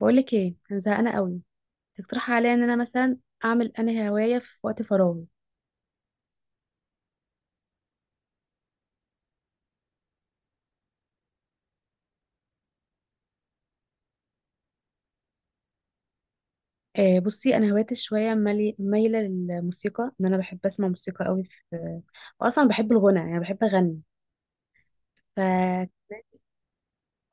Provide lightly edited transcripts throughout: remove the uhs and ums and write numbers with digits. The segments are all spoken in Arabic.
بقولك ايه، انا زهقانه قوي. تقترحي عليا ان انا مثلا اعمل انا هوايه في وقت فراغي؟ بصي انا هوايتي شويه مايله للموسيقى، ان انا بحب اسمع موسيقى قوي في. واصلا بحب الغنى، يعني بحب اغني. ف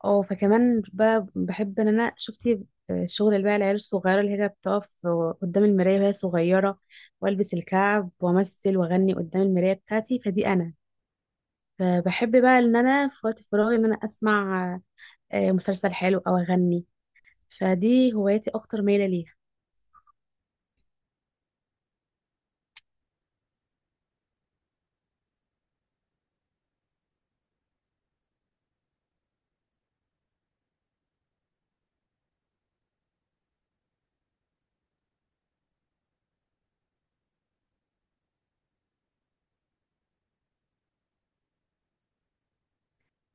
اه فكمان بحب ان انا شفتي الشغل اللي بقى العيال الصغيره اللي هي بتقف قدام المرايه وهي صغيره، والبس الكعب وامثل واغني قدام المرايه بتاعتي، فدي انا. فبحب بقى ان انا في وقت فراغي ان انا اسمع مسلسل حلو او اغني. فدي هوايتي اكتر مايله ليها.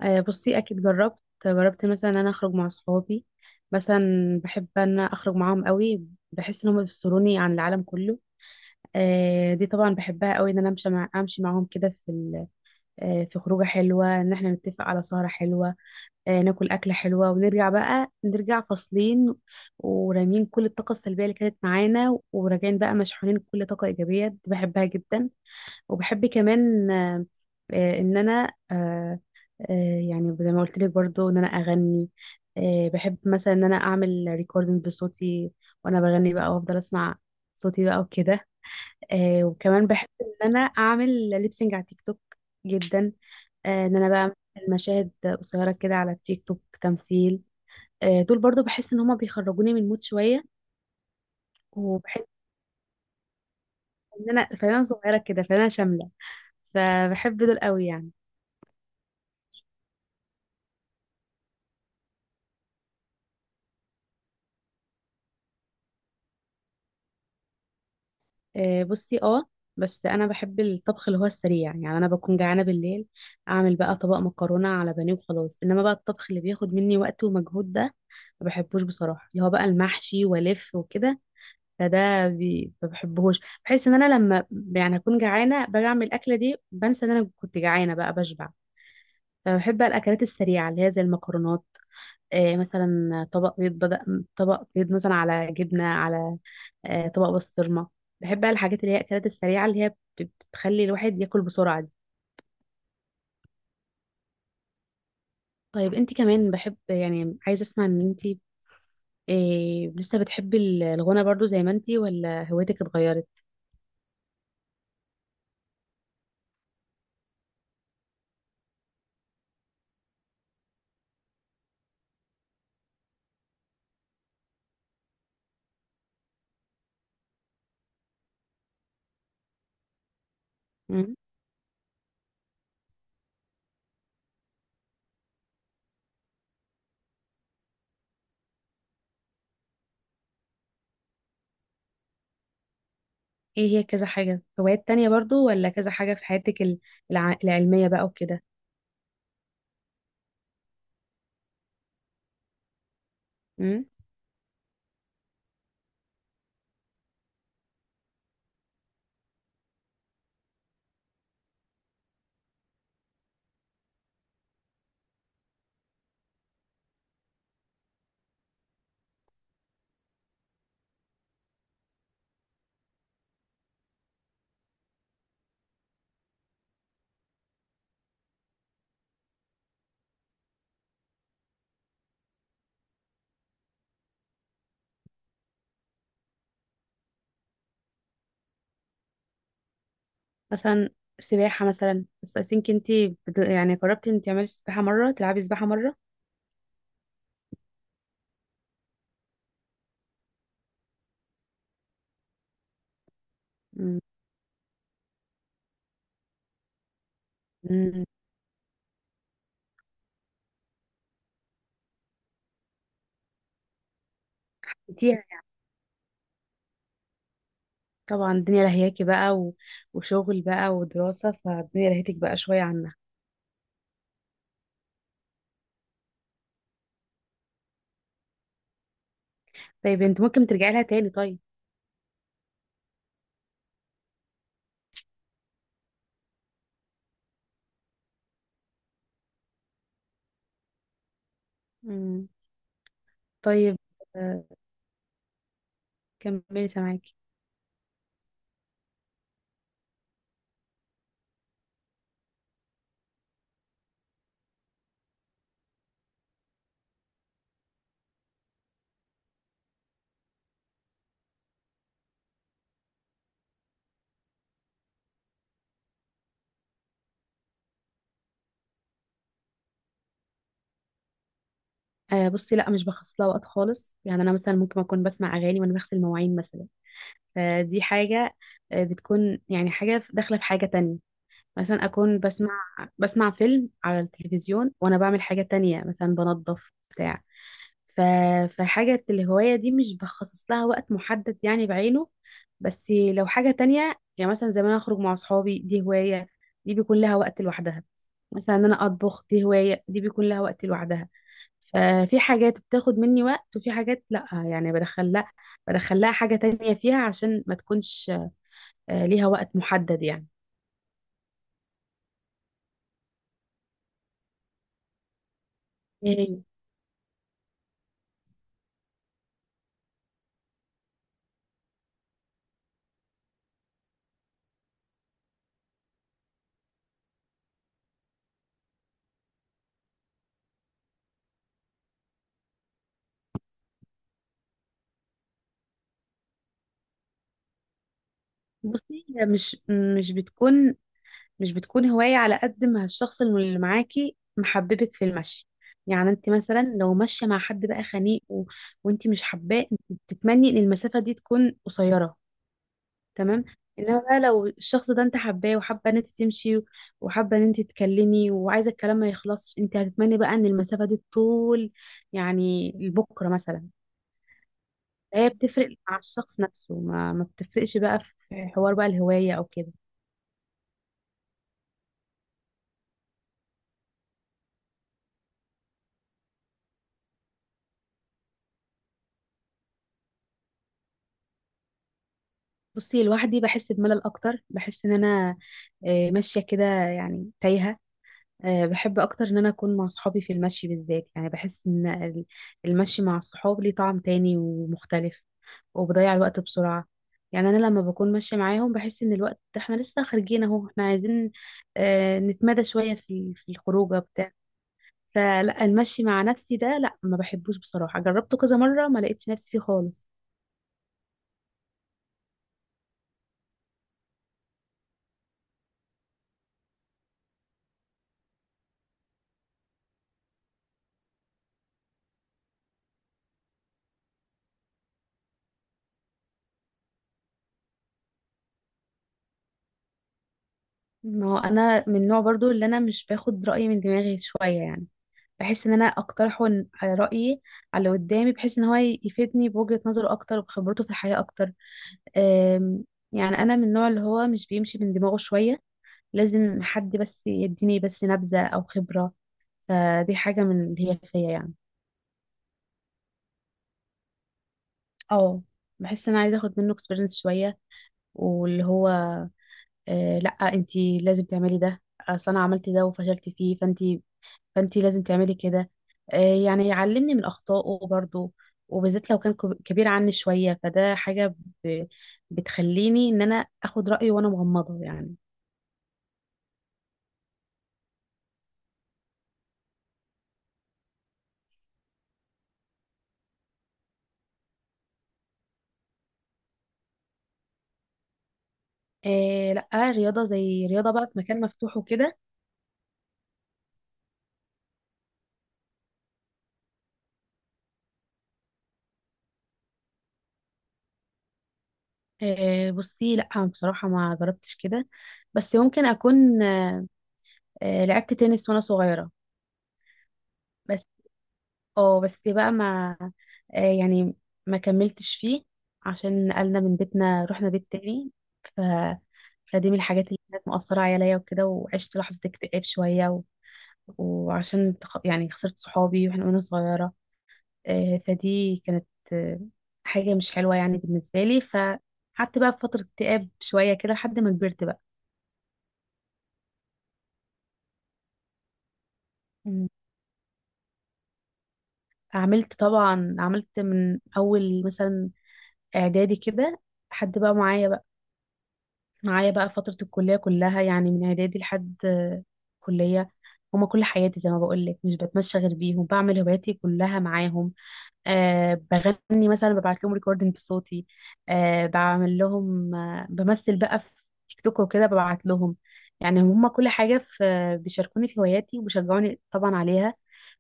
بصي اكيد جربت مثلا ان انا اخرج مع صحابي. مثلا بحب ان أنا اخرج معاهم قوي، بحس ان هم بيفصلوني عن العالم كله. دي طبعا بحبها قوي، ان انا امشي معاهم كده في خروجه حلوه، ان احنا نتفق على سهره حلوه. ناكل اكله حلوه ونرجع بقى نرجع فاصلين ورامين كل الطاقه السلبيه اللي كانت معانا، وراجعين بقى مشحونين بكل طاقه ايجابيه. دي بحبها جدا. وبحب كمان ان انا يعني زي ما قلت لك برضو ان انا اغني. بحب مثلا ان انا اعمل ريكوردنج بصوتي وانا بغني بقى، وافضل اسمع صوتي بقى وكده. وكمان بحب ان انا اعمل ليبسينج على تيك توك جدا. ان انا بقى أعمل مشاهد قصيره كده على التيك توك، تمثيل. دول برضو بحس ان هما بيخرجوني من المود شويه. وبحب ان انا فنانه صغيره كده، فنانه شامله. فبحب دول قوي يعني. بصي بس انا بحب الطبخ اللي هو السريع. يعني انا بكون جعانه بالليل، اعمل بقى طبق مكرونه على بانيه وخلاص. انما بقى الطبخ اللي بياخد مني وقت ومجهود ده ما بحبوش بصراحه، اللي هو بقى المحشي والف وكده. فده ما بحبهوش. بحس ان انا لما يعني اكون جعانه باجي اعمل الاكله دي بنسى ان انا كنت جعانه، بقى بشبع. فبحب بقى الاكلات السريعه اللي هي زي المكرونات. مثلا طبق بيض مثلا، على جبنة، على طبق بسطرمة. بحب بقى الحاجات اللي هي الأكلات السريعة اللي هي بتخلي الواحد ياكل بسرعة دي. طيب انت كمان بحب يعني، عايزة اسمع ان انت لسه بتحبي الغنى برضو زي ما انت، ولا هوايتك اتغيرت؟ مم. ايه هي كذا حاجة، هوايات تانية برضو، ولا كذا حاجة في حياتك العلمية بقى وكده؟ مم. مثلا سباحة مثلا. بس أسينك انت يعني قربتي انت تعملي سباحة مرة، تلعبي سباحة مرة؟ مم. انتي طبعا الدنيا لهياكي بقى وشغل بقى ودراسة، فالدنيا لهيتك بقى شوية عنها. طيب انت ممكن ترجعي لها تاني طيب؟ امم. طيب، آه، كملي سامعاكي. بصي لا، مش بخصص لها وقت خالص. يعني انا مثلا ممكن اكون بسمع اغاني وانا بغسل مواعين مثلا. فدي حاجه بتكون يعني حاجه داخله في حاجه تانية. مثلا اكون بسمع فيلم على التلفزيون وانا بعمل حاجه تانية، مثلا بنظف بتاع. ف... فحاجة الهواية دي مش بخصص لها وقت محدد يعني بعينه. بس لو حاجة تانية يعني، مثلا زي ما أنا أخرج مع أصحابي، دي هواية، دي بيكون لها وقت لوحدها. مثلا إن أنا أطبخ، دي هواية، دي بيكون لها وقت لوحدها. ففي حاجات بتاخد مني وقت، وفي حاجات لأ، يعني بدخل لأ، بدخل لها حاجة تانية فيها عشان ما تكونش ليها وقت محدد يعني. إيه، بصي هي مش بتكون مش بتكون هواية على قد ما الشخص اللي معاكي محببك في المشي. يعني انت مثلا لو ماشية مع حد بقى خنيق وانت مش حباه، انت بتتمني ان المسافة دي تكون قصيرة. تمام. انما بقى لو الشخص ده انت حباه، وحابة ان انت تمشي وحابة ان انت تتكلمي، وعايزة الكلام ما يخلصش، انت هتتمني بقى ان المسافة دي طول، يعني لبكرة مثلا. هي بتفرق مع الشخص نفسه، ما بتفرقش بقى في حوار بقى الهواية او كده. بصي لوحدي بحس بملل اكتر. بحس ان انا ماشيه كده يعني تايهه. بحب اكتر ان انا اكون مع صحابي في المشي بالذات. يعني بحس ان المشي مع الصحاب ليه طعم تاني ومختلف، وبضيع الوقت بسرعه. يعني انا لما بكون ماشيه معاهم بحس ان الوقت، احنا لسه خارجين اهو، احنا عايزين نتمدى شويه في الخروجه بتاع. فلا، المشي مع نفسي ده لا، ما بحبوش بصراحه. جربته كذا مره، ما لقيتش نفسي فيه خالص. ما هو انا من النوع برضو اللي انا مش باخد رايي من دماغي شويه يعني. بحس ان انا اقترحه على رايي، على اللي قدامي، بحيث ان هو يفيدني بوجهه نظره اكتر وبخبرته في الحياه اكتر. أم، يعني انا من النوع اللي هو مش بيمشي من دماغه شويه. لازم حد بس يديني بس نبذه او خبره. فدي حاجه من اللي هي فيا يعني. اه. بحس ان انا عايزه اخد منه اكسبيرينس شويه. واللي هو لا انتي لازم تعملي ده، اصل انا عملت ده وفشلت فيه، فانت لازم تعملي كده. يعني يعلمني من اخطائه برضو. وبالذات لو كان كبير عني شويه، فده حاجه ب- بتخليني ان انا اخد رايه وانا مغمضه يعني. آه لا، رياضه زي رياضه بقى في مكان مفتوح وكده؟ بصي لا بصراحه، ما جربتش كده. بس ممكن اكون لعبت تنس وانا صغيره. بس اه بس بقى ما آه يعني ما كملتش فيه، عشان نقلنا من بيتنا، رحنا بيت تاني. ف... فدي من الحاجات اللي كانت مؤثرة عليا وكده. وعشت لحظة اكتئاب شوية وعشان يعني خسرت صحابي وانا صغيرة. فدي كانت آه حاجة مش حلوة يعني بالنسبة لي. فقعدت بقى في فترة اكتئاب شوية كده لحد ما كبرت بقى. مم. عملت طبعا، عملت من أول مثلا إعدادي كده حد بقى معايا بقى فترة الكلية كلها، يعني من إعدادي لحد كلية. هما كل حياتي زي ما بقولك، مش بتمشى غير بيهم، بعمل هواياتي كلها معاهم. أه، بغني مثلا ببعت لهم ريكوردنج بصوتي. أه، بعمل لهم بمثل بقى في تيك توك وكده، ببعت لهم. يعني هما كل حاجة في بيشاركوني في هواياتي وبيشجعوني طبعا عليها،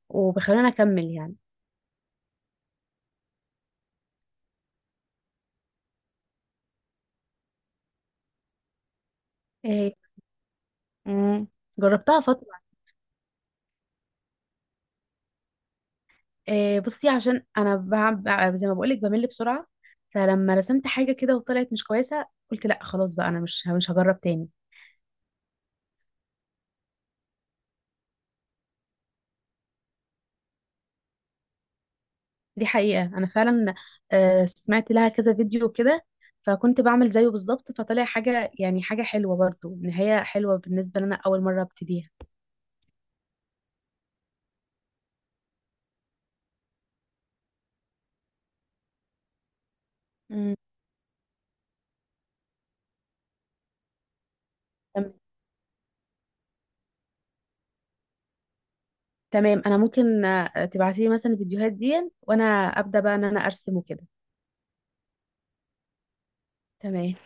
وبيخلوني أكمل يعني. أه. مم، جربتها فترة. بصي عشان انا زي ما بقولك بمل بسرعه. فلما رسمت حاجه كده وطلعت مش كويسه، قلت لا خلاص بقى انا مش هجرب تاني. دي حقيقه، انا فعلا سمعت لها كذا فيديو كده، فكنت بعمل زيه بالظبط، فطلع حاجه، يعني حاجه حلوه برضو، نهايه حلوه بالنسبه لنا اول مره ابتديها. مم. تم- تمام، انا ممكن تبعتي لي مثلا الفيديوهات دي، وانا ابدا بقى ان انا ارسم وكده. تمام.